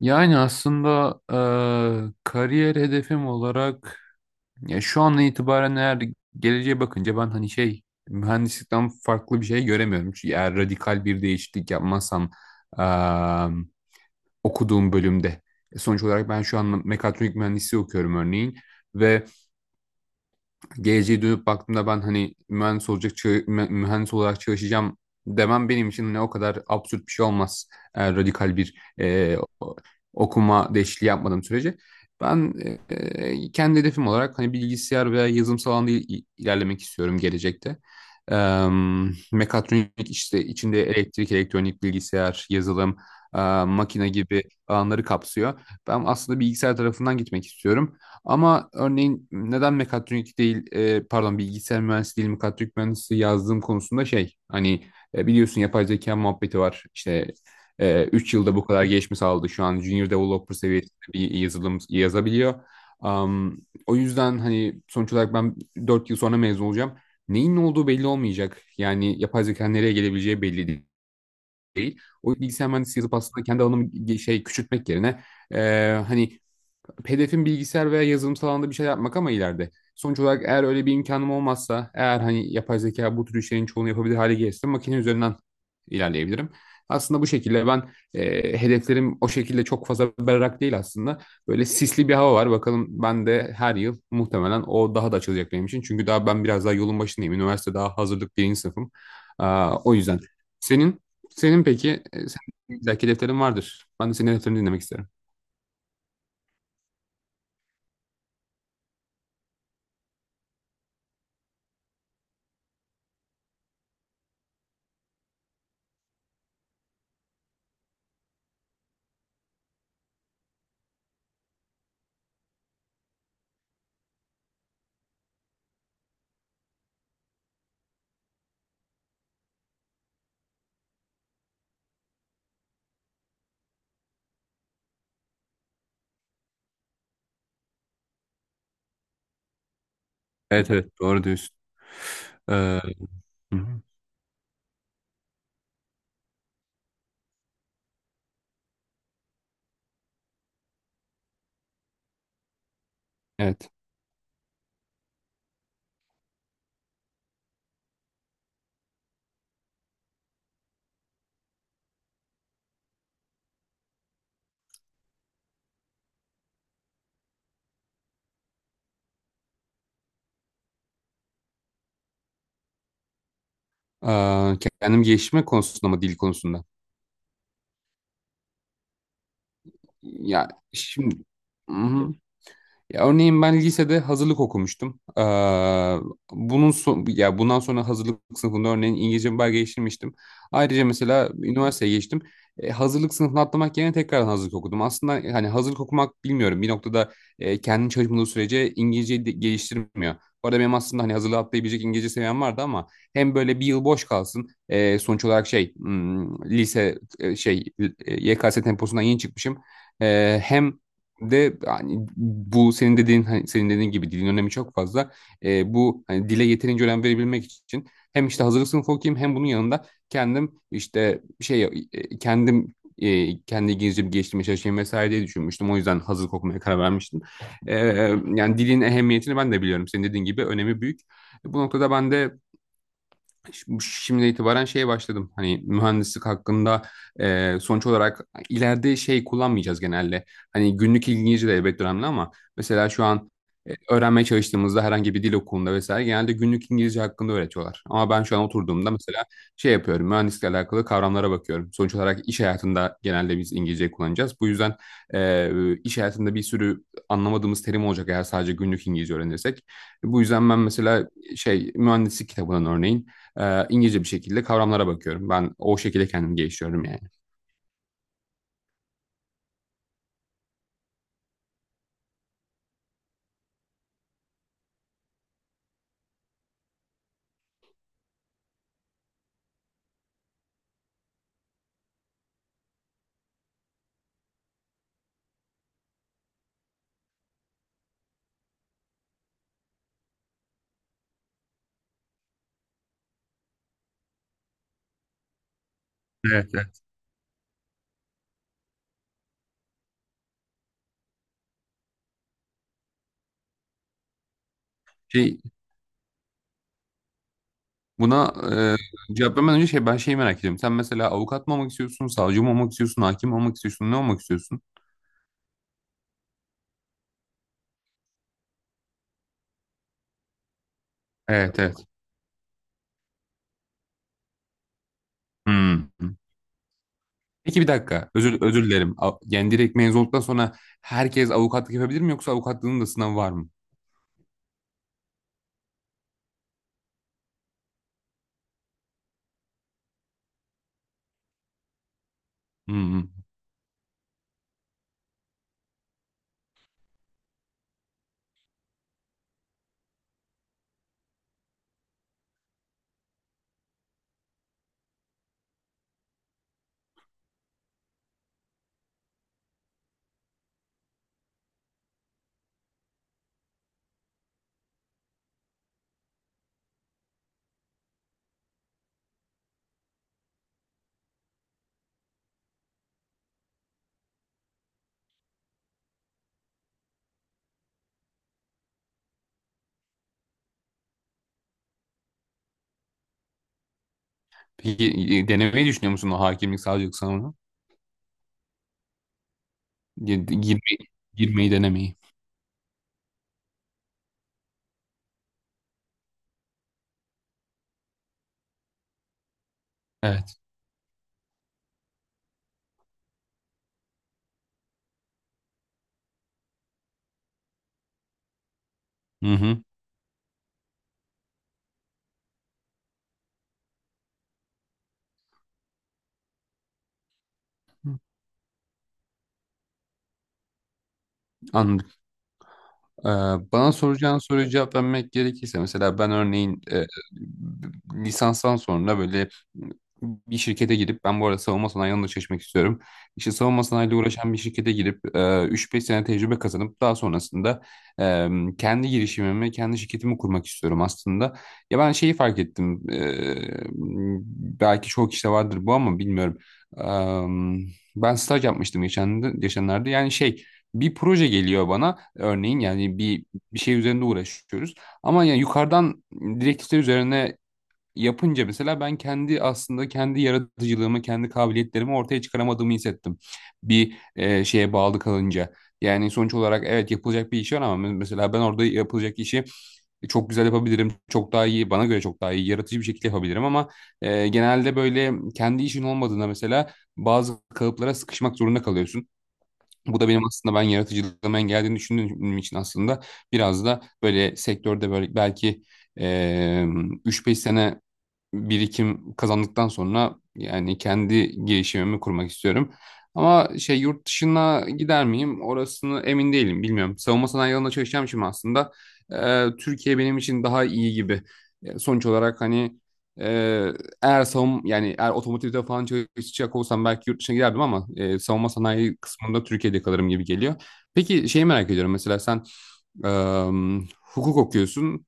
Yani aslında kariyer hedefim olarak ya şu an itibaren eğer geleceğe bakınca ben hani şey mühendislikten farklı bir şey göremiyorum. Çünkü eğer radikal bir değişiklik yapmazsam eee, okuduğum bölümde. Sonuç olarak ben şu an mekatronik mühendisliği okuyorum örneğin ve geleceğe dönüp baktığımda ben hani mühendis mühendis olarak çalışacağım demem benim için ne o kadar absürt bir şey olmaz. Eğer radikal bir okuma değişikliği yapmadığım sürece. Ben kendi hedefim olarak hani bilgisayar veya yazılımsal alanda ilerlemek istiyorum gelecekte. Em, Mekatronik işte içinde elektrik, elektronik, bilgisayar, yazılım, e, makine gibi alanları kapsıyor. Ben aslında bilgisayar tarafından gitmek istiyorum. Ama örneğin neden mekatronik değil, pardon, bilgisayar mühendisi değil mekatronik mühendisi yazdığım konusunda şey hani biliyorsun yapay zeka muhabbeti var. İşte 3 yılda bu kadar gelişme sağladı. Şu an junior developer seviyesinde bir yazılım yazabiliyor. Am, O yüzden hani sonuç olarak ben 4 yıl sonra mezun olacağım. Neyin ne olduğu belli olmayacak. Yani yapay zeka nereye gelebileceği belli değil. O bilgisayar mühendisi yazıp aslında kendi alanımı şey küçültmek yerine e, hani hedefim bilgisayar veya yazılımsal alanda bir şey yapmak ama ileride. Sonuç olarak eğer öyle bir imkanım olmazsa, eğer hani yapay zeka bu tür işlerin çoğunu yapabilir hale gelirse makine üzerinden ilerleyebilirim. Aslında bu şekilde ben hedeflerim o şekilde çok fazla berrak değil aslında. Böyle sisli bir hava var. Bakalım ben de her yıl muhtemelen o daha da açılacak benim için. Çünkü daha ben biraz daha yolun başındayım. Üniversite daha hazırlık birinci sınıfım. Aa, o yüzden. Senin senin, peki senin belki hedeflerin vardır. Ben de senin hedeflerini dinlemek isterim. Evet, evet, doğru diyorsun. Hı hı, evet. Ee, Kendim geliştirme konusunda mı, dil konusunda? Ya şimdi, hı hı. Ya örneğin ben lisede hazırlık okumuştum. Bunun son, ya bundan sonra hazırlık sınıfında örneğin İngilizce bir belge geçirmiştim. Ayrıca mesela üniversiteye geçtim. Hazırlık sınıfını atlamak yerine tekrardan hazırlık okudum. Aslında hani hazırlık okumak bilmiyorum. Bir noktada kendi çalışmadığı sürece İngilizceyi de geliştirmiyor. Bu arada benim aslında hani hazırlığı atlayabilecek İngilizce seviyem vardı ama hem böyle bir yıl boş kalsın. Sonuç olarak şey lise şey YKS temposundan yeni çıkmışım. Hem de hani bu senin dediğin gibi dilin önemi çok fazla. Bu hani dile yeterince önem verebilmek için hem işte hazırlık sınıfı okuyayım hem bunun yanında kendim işte şey kendim kendi İngilizcemi geliştirmeye çalışayım vesaire diye düşünmüştüm. O yüzden hazırlık okumaya karar vermiştim. Ee, Yani dilin ehemmiyetini ben de biliyorum. Senin dediğin gibi önemi büyük. Bu noktada ben de şimdi itibaren şeye başladım. Hani mühendislik hakkında sonuç olarak ileride şey kullanmayacağız genelde. Hani günlük İngilizce de elbette önemli ama mesela şu an öğrenmeye çalıştığımızda herhangi bir dil okulunda vesaire genelde günlük İngilizce hakkında öğretiyorlar. Ama ben şu an oturduğumda mesela şey yapıyorum. Mühendislikle alakalı kavramlara bakıyorum. Sonuç olarak iş hayatında genelde biz İngilizce kullanacağız. Bu yüzden e, iş hayatında bir sürü anlamadığımız terim olacak eğer sadece günlük İngilizce öğrenirsek. Bu yüzden ben mesela şey mühendislik kitabından örneğin İngilizce bir şekilde kavramlara bakıyorum. Ben o şekilde kendimi geliştiriyorum yani. Evet, evet. Şey, buna cevap vermeden önce şey ben şeyi merak ediyorum. Sen mesela avukat mı olmak istiyorsun, savcı mı olmak istiyorsun, hakim mi olmak istiyorsun, ne olmak istiyorsun? Evet, evet. Hmm. Peki bir dakika. Özür dilerim. Yani direkt mezun olduktan sonra herkes avukatlık yapabilir mi yoksa avukatlığın da sınavı var mı? Hmm. Hmm. Peki denemeyi düşünüyor musun o hakimlik, savcılık sınavını? Gi- Girmeyi, girmeyi denemeyi. Evet. Hı hı. Anladım. Ee, Bana soracağın soruya cevap vermek gerekirse mesela ben örneğin lisanstan sonra böyle bir şirkete girip ben bu arada savunma sanayi alanında çalışmak istiyorum. İşte savunma sanayiyle uğraşan bir şirkete girip 3-5 sene tecrübe kazanıp daha sonrasında e, kendi girişimimi, kendi şirketimi kurmak istiyorum aslında. Ya ben şeyi fark ettim. Belki çoğu kişide vardır bu ama bilmiyorum. Ben staj yapmıştım geçenlerde. Yani şey bir proje geliyor bana. Örneğin yani bir şey üzerinde uğraşıyoruz. Ama yani yukarıdan direktifler üzerine yapınca mesela ben kendi aslında kendi yaratıcılığımı, kendi kabiliyetlerimi ortaya çıkaramadığımı hissettim. Bir şeye bağlı kalınca. Yani sonuç olarak evet yapılacak bir iş var ama mesela ben orada yapılacak işi çok güzel yapabilirim. Çok daha iyi, bana göre çok daha iyi, yaratıcı bir şekilde yapabilirim ama genelde böyle kendi işin olmadığında mesela bazı kalıplara sıkışmak zorunda kalıyorsun. Bu da benim aslında ben yaratıcılığıma engeldiğini düşündüğüm için aslında biraz da böyle sektörde böyle belki eee 3-5 sene birikim kazandıktan sonra yani kendi girişimimi kurmak istiyorum. Ama şey yurt dışına gider miyim? Orasını emin değilim. Bilmiyorum. Savunma sanayi alanında çalışacağım şimdi aslında Türkiye benim için daha iyi gibi. Sonuç olarak hani e, eğer savun yani eğer otomotivde falan çalışacak olsam belki yurt dışına giderdim ama savunma sanayi kısmında Türkiye'de kalırım gibi geliyor. Peki şeyi merak ediyorum mesela sen Eee, hukuk okuyorsun.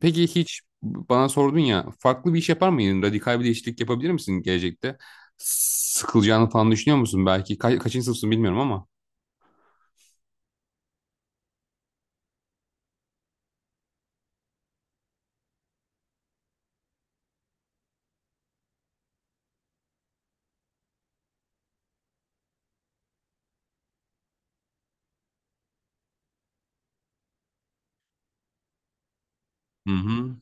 Peki hiç bana sordun ya farklı bir iş yapar mıydın? Radikal bir değişiklik yapabilir misin gelecekte? Sıkılacağını falan düşünüyor musun? Belki kaçıncı sınıfsın bilmiyorum ama. Hı hı.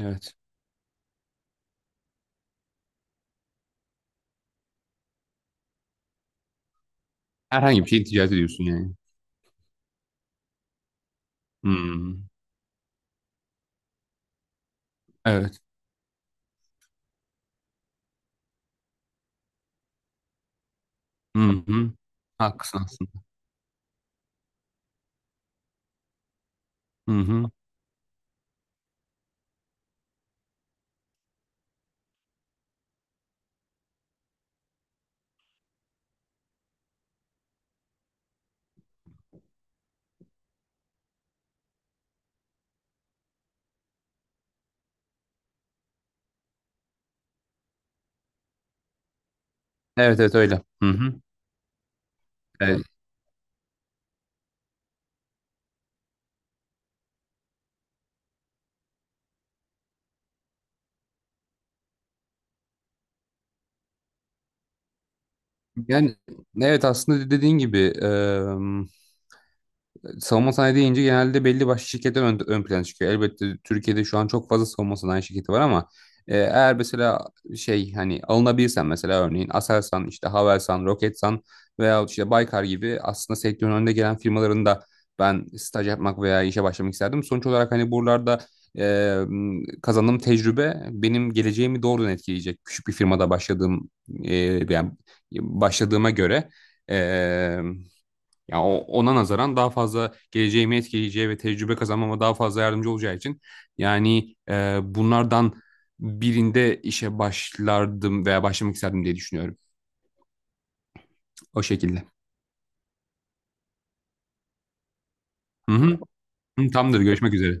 Evet. Herhangi bir şey ticaret ediyorsun yani. Hı hı. Evet. Hı hı. Haklısın aslında. Hı hı. Evet, evet, öyle. Hı hı. Evet. Yani evet aslında dediğin gibi savunma sanayi deyince genelde belli başlı şirketler ön plana çıkıyor. Elbette Türkiye'de şu an çok fazla savunma sanayi şirketi var ama eğer mesela şey hani alınabilirsen mesela örneğin Aselsan, işte Havelsan, Roketsan veya işte Baykar gibi aslında sektörün önde gelen firmaların da ben staj yapmak veya işe başlamak isterdim. Sonuç olarak hani buralarda e, kazandığım tecrübe benim geleceğimi doğrudan etkileyecek. Küçük bir firmada başladığım e, yani başladığıma göre. Ee, Ya ona nazaran daha fazla geleceğimi etkileyeceği ve tecrübe kazanmama daha fazla yardımcı olacağı için yani bunlardan birinde işe başlardım veya başlamak isterdim diye düşünüyorum. O şekilde. Hı hı. Hı, tamamdır. Görüşmek üzere.